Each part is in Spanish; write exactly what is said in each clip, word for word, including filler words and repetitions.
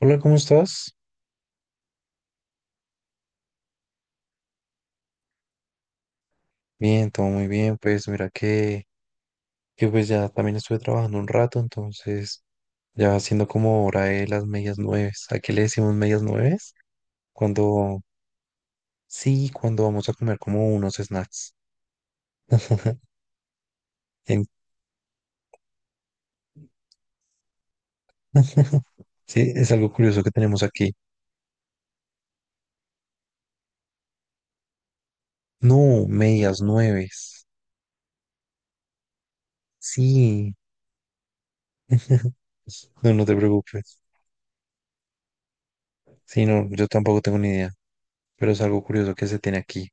Hola, ¿cómo estás? Bien, todo muy bien. Pues mira que, que pues ya también estuve trabajando un rato, entonces ya siendo como hora de las medias nueves. ¿A qué le decimos medias nueves? Cuando, sí, cuando vamos a comer como unos snacks. En- Sí, es algo curioso que tenemos aquí. No, medias nueves. Sí. No, no te preocupes. Sí, no, yo tampoco tengo ni idea, pero es algo curioso que se tiene aquí.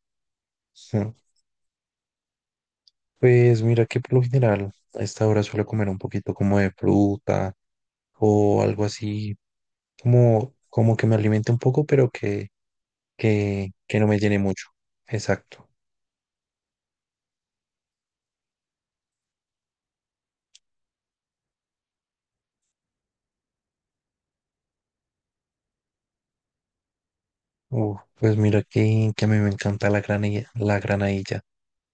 Pues mira que por lo general a esta hora suelo comer un poquito como de fruta o algo así, como, como que me alimente un poco, pero que, que, que no me llene mucho. Exacto. Uf, pues mira que, que a mí me encanta la granilla, la granadilla.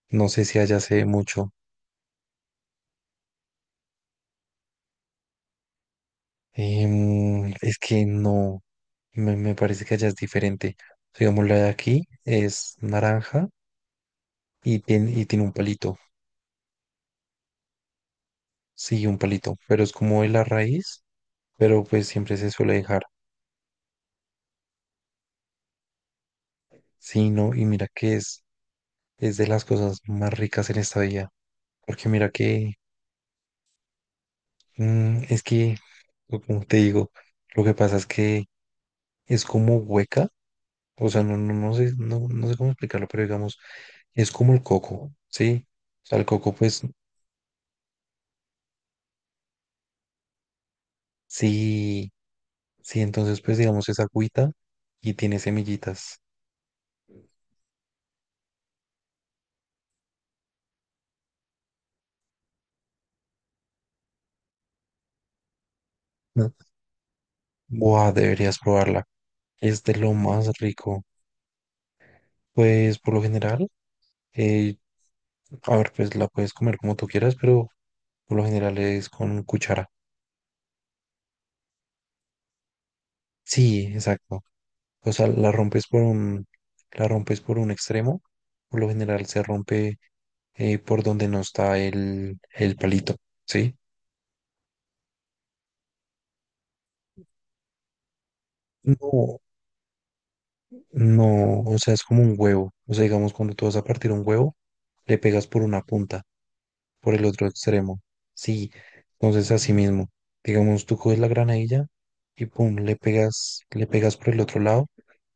No sé si allá se ve mucho. Em, es que no, me, me parece que allá es diferente. Digamos, la de aquí es naranja y tiene, y tiene un palito. Sí, un palito, pero es como de la raíz, pero pues siempre se suele dejar. Sí, no, y mira que es, es de las cosas más ricas en esta vida, porque mira que mm, es que, o como te digo, lo que pasa es que es como hueca. O sea, no, no, no sé, no, no sé cómo explicarlo, pero digamos, es como el coco, ¿sí? O sea, el coco, pues, sí, sí, entonces, pues, digamos, es agüita y tiene semillitas. ¿No? Buah, deberías probarla. Es de lo más rico. Pues, por lo general, eh, a ver, pues la puedes comer como tú quieras, pero por lo general es con cuchara. Sí, exacto. O sea, la rompes por un, la rompes por un extremo. Por lo general se rompe eh, por donde no está el, el palito, ¿sí? No, no, o sea, es como un huevo. O sea, digamos, cuando tú vas a partir un huevo, le pegas por una punta, por el otro extremo. Sí, entonces así mismo. Digamos, tú coges la granadilla y pum, le pegas, le pegas por el otro lado,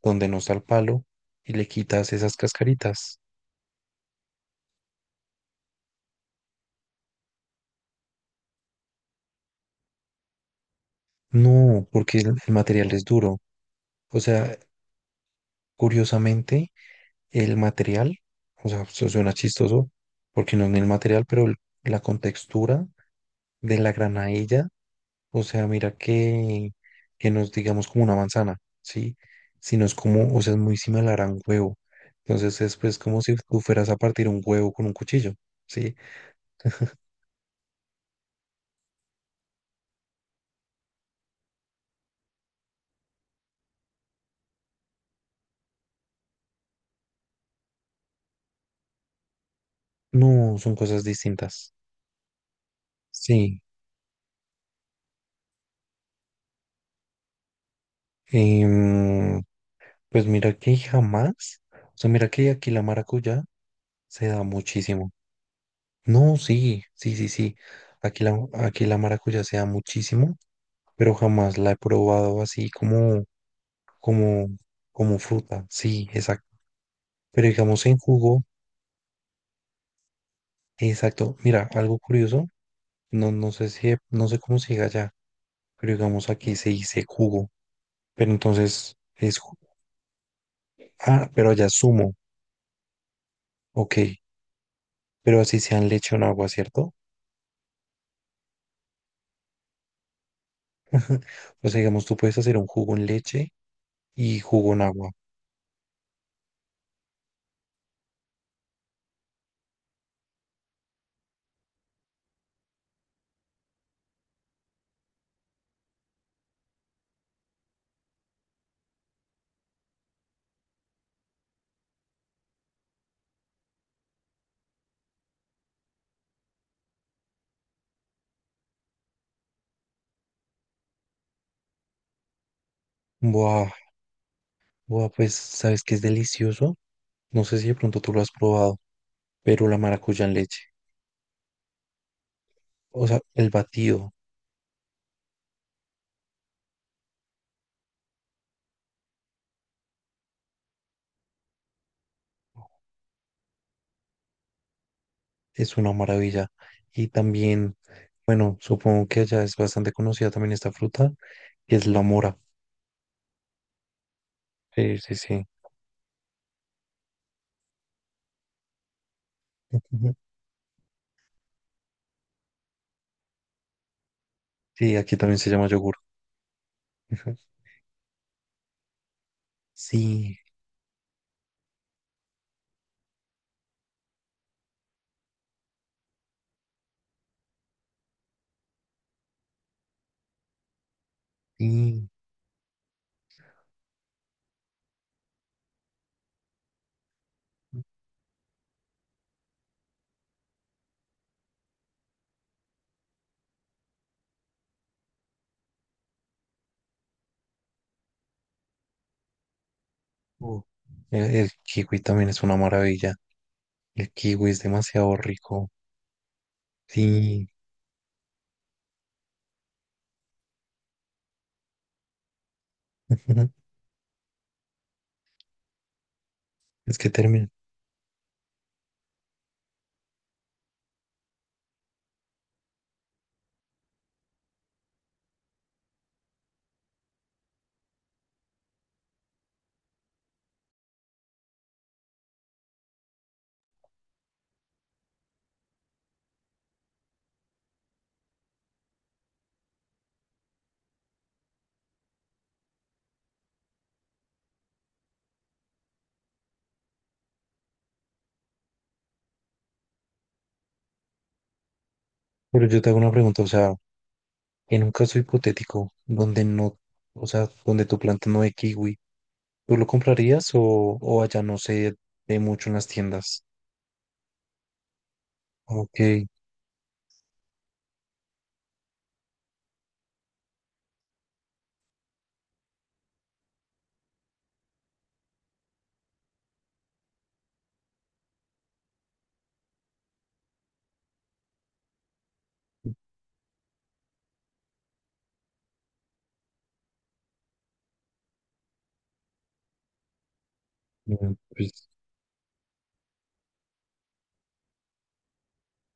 donde no está el palo, y le quitas esas cascaritas. No, porque el, el material es duro. O sea, curiosamente, el material, o sea, eso suena chistoso, porque no es ni el material, pero el- la contextura de la granadilla. O sea, mira que, que nos digamos, como una manzana, ¿sí? Sino es como, o sea, es muy similar a un huevo. Entonces es pues como si tú fueras a partir un huevo con un cuchillo, ¿sí? No, son cosas distintas. Sí. em, pues mira que jamás, o sea, mira que aquí la maracuyá se da muchísimo. No, sí, sí, sí, sí. Aquí la, aquí la maracuyá se da muchísimo, pero jamás la he probado así como, como, como fruta. Sí, exacto. Pero digamos en jugo, exacto. Mira, algo curioso, no, no sé si, no sé cómo se diga allá, pero digamos aquí se dice jugo, pero entonces es, ju- ah, pero allá es zumo. Ok, pero así sea en leche o en agua, ¿cierto? O sea, digamos, tú puedes hacer un jugo en leche y jugo en agua. Buah, buah, pues, ¿sabes qué es delicioso? No sé si de pronto tú lo has probado, pero la maracuyá en leche, o sea, el batido es una maravilla. Y también, bueno, supongo que allá es bastante conocida también esta fruta, es la mora. Sí, sí, sí. Ujú. Sí, aquí también se llama yogur. Ujú. Sí, sí. Uh, El, el kiwi también es una maravilla. El kiwi es demasiado rico. Sí, ujú. Es que termina. Pero yo te hago una pregunta, o sea, en un caso hipotético donde no, o sea, donde tu planta no de kiwi, ¿tú lo comprarías o, o allá no sé de mucho en las tiendas? Ok, mm, pues,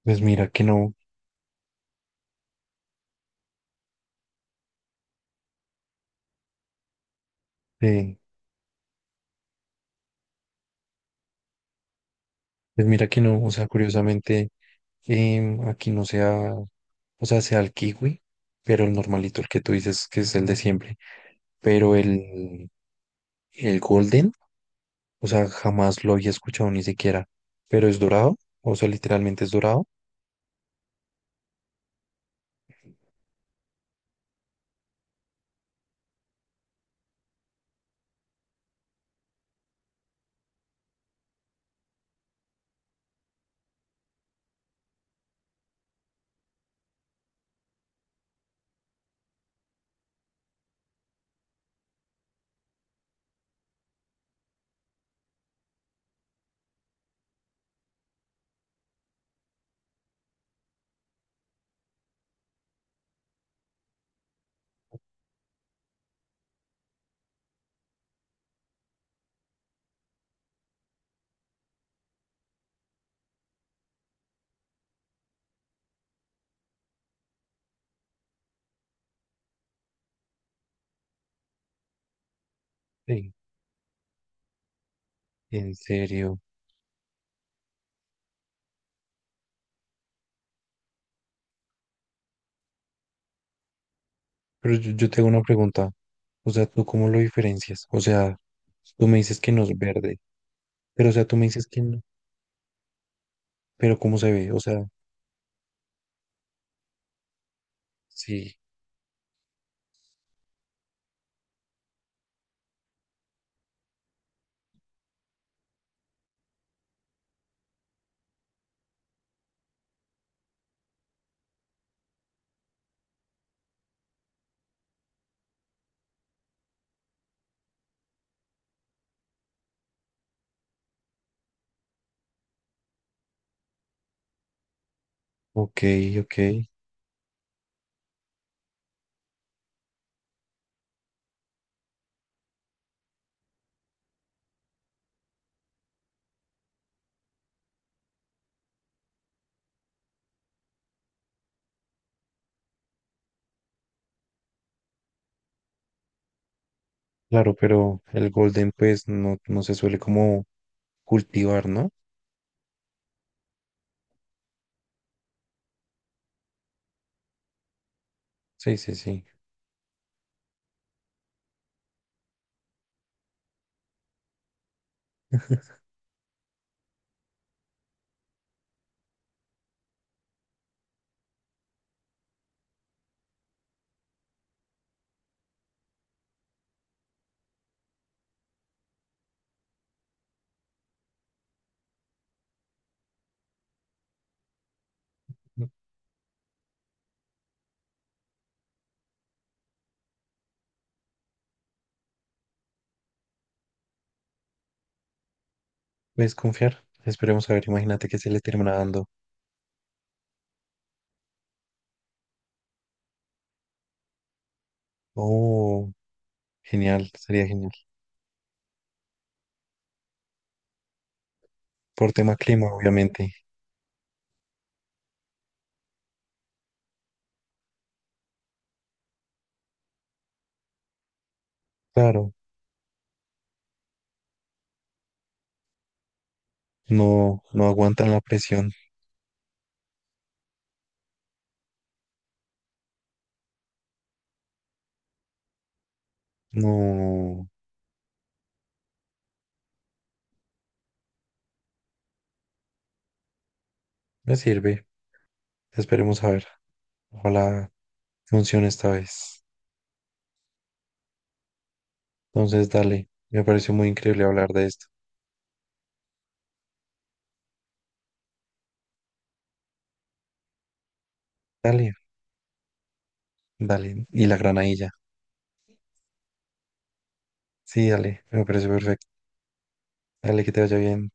pues mira que no, eh, pues mira que no, o sea, curiosamente em, aquí no sea, o sea, sea el kiwi, pero el normalito, el que tú dices que es el de siempre. Pero el, el golden, o sea, jamás lo había escuchado ni siquiera. Pero es dorado, o sea, literalmente es dorado. Sí. En serio. Pero yo, yo tengo una pregunta. O sea, ¿tú cómo lo diferencias? O sea, tú me dices que no es verde, pero o sea, tú me dices que no, pero ¿cómo se ve? O sea, sí, ok, ok. Claro, pero el golden pues no, no se suele como cultivar, ¿no? Sí, sí, sí. ¿Puedes confiar? Esperemos a ver, imagínate que se le termina dando. Oh, genial, sería genial. Por tema clima, obviamente. Claro, no, no aguantan la presión. No, me sirve. Esperemos a ver. Ojalá funcione esta vez. Entonces, dale, me pareció muy increíble hablar de esto. Dale, dale, y la granadilla. Sí, dale, me parece perfecto. Dale, que te vaya bien.